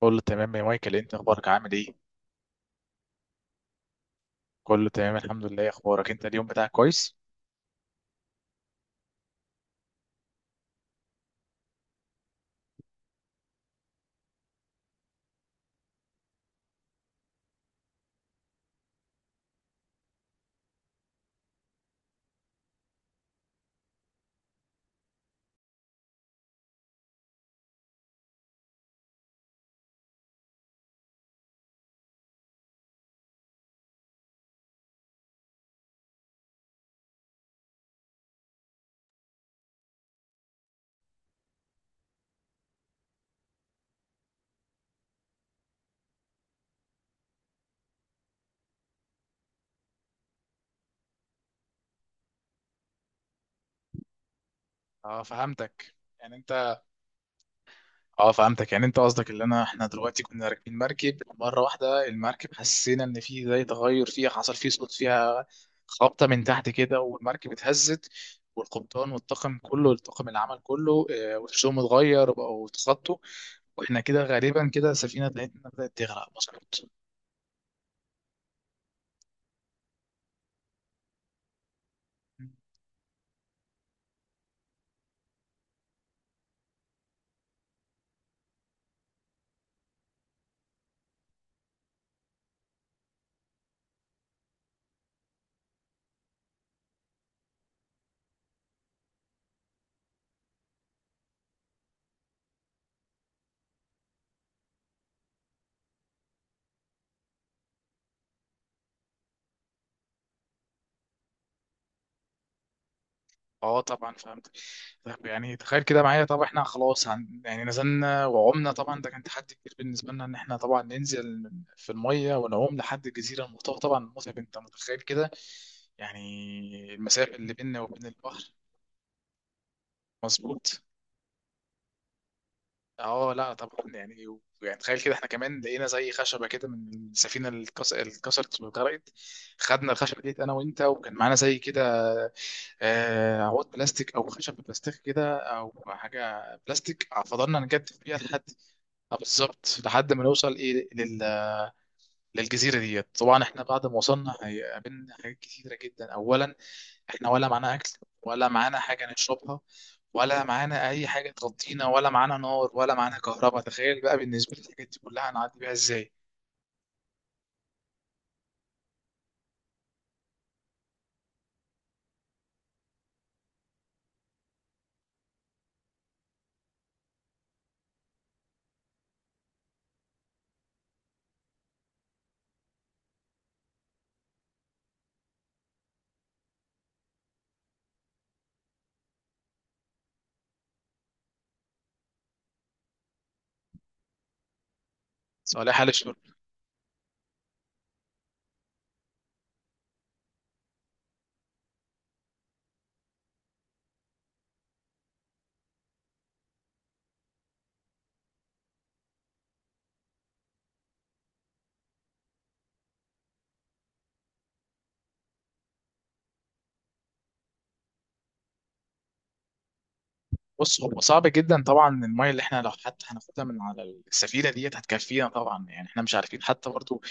كله تمام يا مايكل إيه انت اخبارك عامل ايه كله تمام الحمد لله اخبارك انت اليوم بتاعك كويس اه فهمتك يعني انت اه فهمتك، يعني انت قصدك ان انا احنا دلوقتي كنا راكبين مركب، مره واحده المركب حسينا ان في زي تغير فيها، حصل فيه صوت فيها، خبطه من تحت كده والمركب اتهزت. والقبطان والطاقم كله، الطاقم العمل كله وشهم اتغير وبقوا اتخطوا. واحنا كده غالبا كده السفينه بتاعتنا بدات تغرق. مظبوط. اه طبعا فهمت. طب يعني تخيل كده معايا، طب احنا خلاص يعني نزلنا وعمنا، طبعا ده كان تحدي كبير بالنسبه لنا، ان احنا طبعا ننزل في الميه ونعوم لحد الجزيره المتوسطه، طبعا متعب، انت متخيل كده يعني المسافه اللي بيننا وبين البحر. مظبوط. اه لا طبعا، يعني يعني تخيل كده احنا كمان لقينا زي خشبه كده من السفينه اللي اتكسرت واتغرقت. خدنا الخشبه ديت انا وانت، وكان معانا زي كده عواد بلاستيك او خشب بلاستيك كده او حاجه بلاستيك، فضلنا نجدف فيها لحد بالظبط لحد ما نوصل ايه للجزيره ديت. طبعا احنا بعد ما وصلنا هيقابلنا حاجات كتيره جدا. اولا احنا ولا معانا اكل، ولا معانا حاجه نشربها، ولا معانا اي حاجه تغطينا، ولا معانا نار، ولا معانا كهرباء. تخيل بقى بالنسبه للحاجات دي كلها هنعدي بيها ازاي؟ صالح حال الشرب. بص هو صعب جدا طبعا، الميه اللي احنا لو حتى هناخدها من على السفينه ديت هتكفينا طبعا، يعني احنا مش عارفين حتى برضو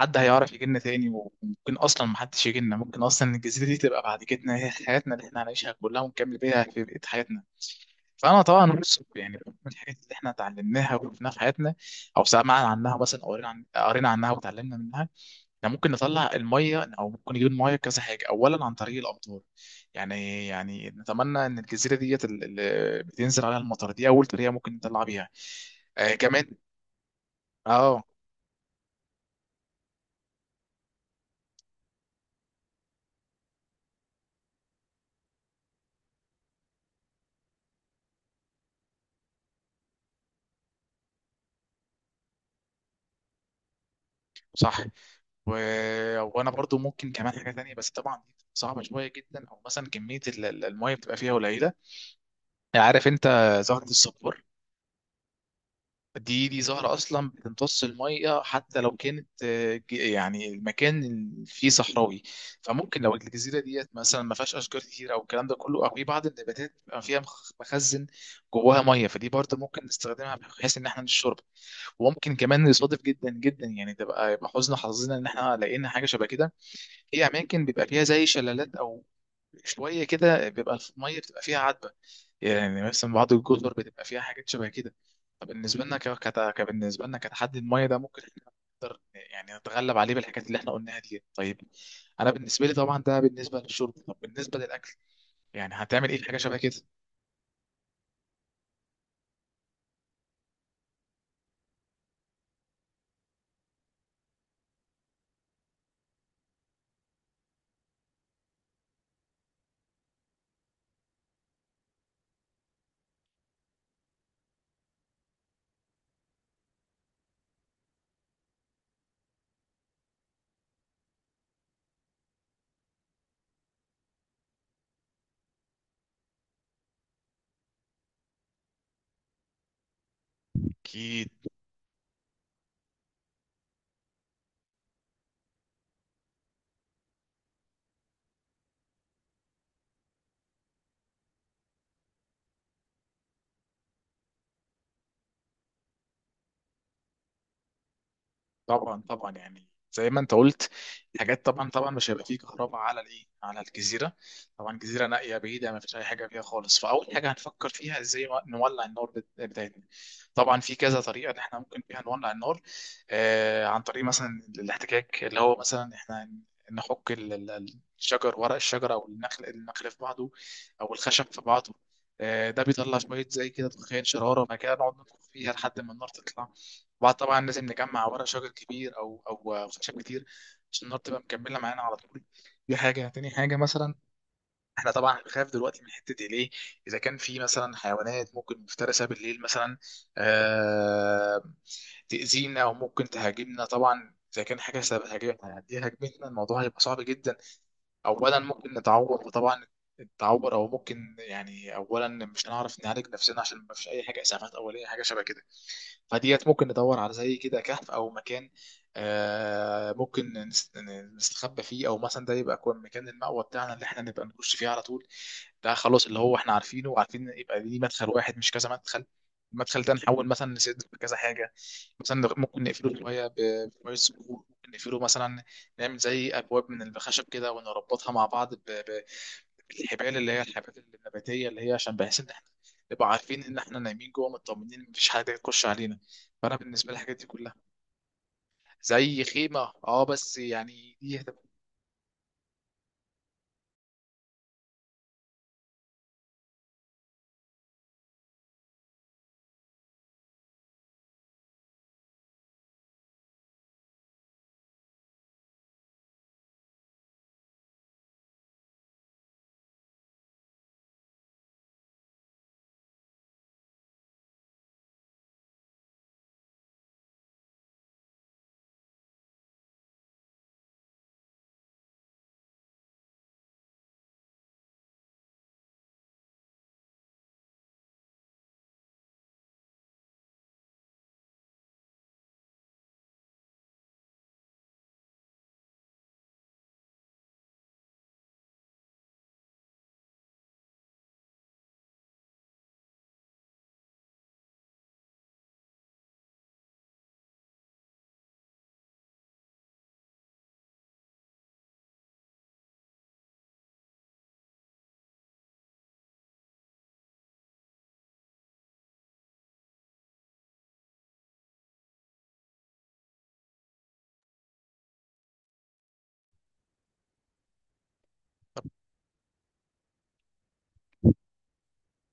حد هيعرف يجي لنا تاني. وممكن اصلا محدش يجي لنا، ممكن اصلا الجزيره دي تبقى بعد كده هي حياتنا اللي احنا هنعيشها كلها، ونكمل بيها في بقيه حياتنا. فانا طبعا، بص يعني من الحاجات اللي احنا اتعلمناها وشفناها في حياتنا، او سمعنا عنها مثلا، او قرينا عنها وتعلمنا منها، احنا ممكن نطلع الميه او ممكن نجيب الميه كذا حاجه. اولا عن طريق الامطار، يعني نتمنى ان الجزيره ديت اللي بتنزل عليها المطر دي اول طريقه ممكن نطلع بيها. آه كمان. اه صح. و... وانا برضو ممكن كمان حاجه تانية، بس طبعا دي صعبه شويه جدا، او مثلا كميه الميه بتبقى فيها قليله. عارف انت زهره الصبار؟ دي زهره اصلا بتمتص الميه حتى لو كانت يعني المكان فيه صحراوي. فممكن لو الجزيره ديت مثلا ما فيهاش اشجار كتير او الكلام ده كله، او في بعض النباتات بيبقى فيها مخزن جواها ميه، فدي برضو ممكن نستخدمها بحيث ان احنا نشرب. وممكن كمان نصادف جدا جدا، يعني يبقى حزن حظنا ان احنا لقينا حاجه شبه كده، في اماكن بيبقى فيها زي شلالات، او شويه كده بيبقى الميه بتبقى فيها عذبه، يعني مثلا بعض الجزر بتبقى فيها حاجات شبه كده. فبالنسبه لنا كبالنسبه لنا كتحدي الميه ده ممكن إحنا يعني نتغلب عليه بالحاجات اللي احنا قلناها دي. طيب انا بالنسبه لي طبعا ده بالنسبه للشرب، طب بالنسبه للاكل يعني هتعمل ايه في حاجه شبه كده؟ اكيد. طبعا طبعا، يعني زي ما انت قلت، حاجات طبعا طبعا مش هيبقى فيه كهرباء على الايه، على الجزيره، طبعا جزيره نائيه بعيده ما فيش اي حاجه فيها خالص. فاول حاجه هنفكر فيها ازاي نولع النار بتاعتنا. طبعا في كذا طريقه ان احنا ممكن فيها نولع النار، آه عن طريق مثلا الاحتكاك، اللي هو مثلا احنا نحك الشجر، ورق الشجر او النخل، النخل في بعضه او الخشب في بعضه. ده بيطلع شوية زي كده دخان شرارة، بعد كده نقعد نطبخ فيها لحد ما النار تطلع. وبعد طبعا لازم نجمع ورق شجر كبير او خشب كتير، عشان النار تبقى مكمله معانا على طول. دي حاجه. تاني حاجه مثلا، احنا طبعا بنخاف دلوقتي من حته ايه ليه؟ اذا كان في مثلا حيوانات ممكن مفترسه بالليل مثلا آه تاذينا او ممكن تهاجمنا. طبعا اذا كان حاجه سبب هاجمتنا الموضوع هيبقى صعب جدا. اولا ممكن نتعور، وطبعا التعور او ممكن يعني اولا مش هنعرف نعالج نفسنا عشان ما فيش اي حاجه اسعافات اوليه حاجه شبه كده. فديت ممكن ندور على زي كده كهف او مكان ممكن نستخبى فيه، او مثلا ده يبقى يكون مكان المأوى بتاعنا اللي احنا نبقى نخش فيه على طول. ده خلاص اللي هو احنا عارفينه، وعارفين يبقى ليه مدخل واحد مش كذا مدخل. المدخل ده نحول مثلا نسد كذا حاجه، مثلا ممكن نقفله شويه بشويه صخور، ممكن نقفله مثلا نعمل زي ابواب من الخشب كده ونربطها مع بعض بالحبال اللي هي الحبات النباتيه، اللي هي عشان بحيث ان احنا نبقى عارفين ان احنا نايمين جوه مطمنين إن مفيش حاجه تخش علينا. فانا بالنسبه لي الحاجات دي كلها. زي خيمه. اه بس يعني دي.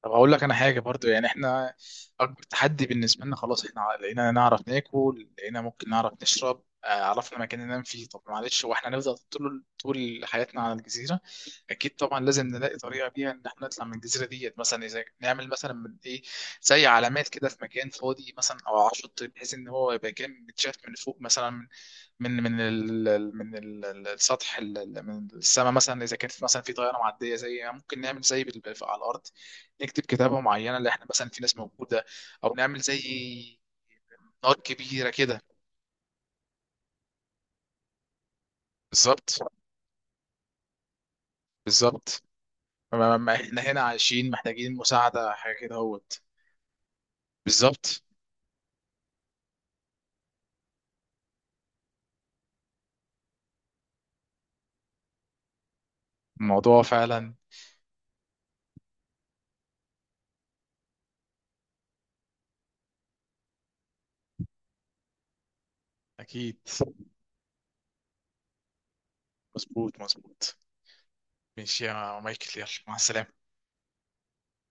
طب هقول لك انا حاجه برضو، يعني احنا اكبر تحدي بالنسبه لنا، خلاص احنا لقينا نعرف ناكل، لقينا ممكن نعرف نشرب، عرفنا مكان ننام فيه. طب معلش هو احنا هنفضل طول طول حياتنا على الجزيره؟ اكيد طبعا لازم نلاقي طريقه بيها ان احنا نطلع من الجزيره ديت. مثلا اذا نعمل مثلا من ايه، زي علامات كده في مكان فاضي مثلا او على شط، بحيث ان هو يبقى كان متشاف من فوق مثلا. من السطح من السماء، مثلا اذا كانت مثلا في طياره معديه، زي ممكن نعمل زي على الارض نكتب كتابه معينه اللي احنا مثلا في ناس موجوده، او نعمل زي نار كبيره كده. بالظبط. بالظبط. احنا هنا عايشين محتاجين مساعده حاجه كده اهوت. بالظبط. الموضوع فعلا. اكيد. مظبوط، مظبوط. ماشي يا مايكل، يلا مع السلامه.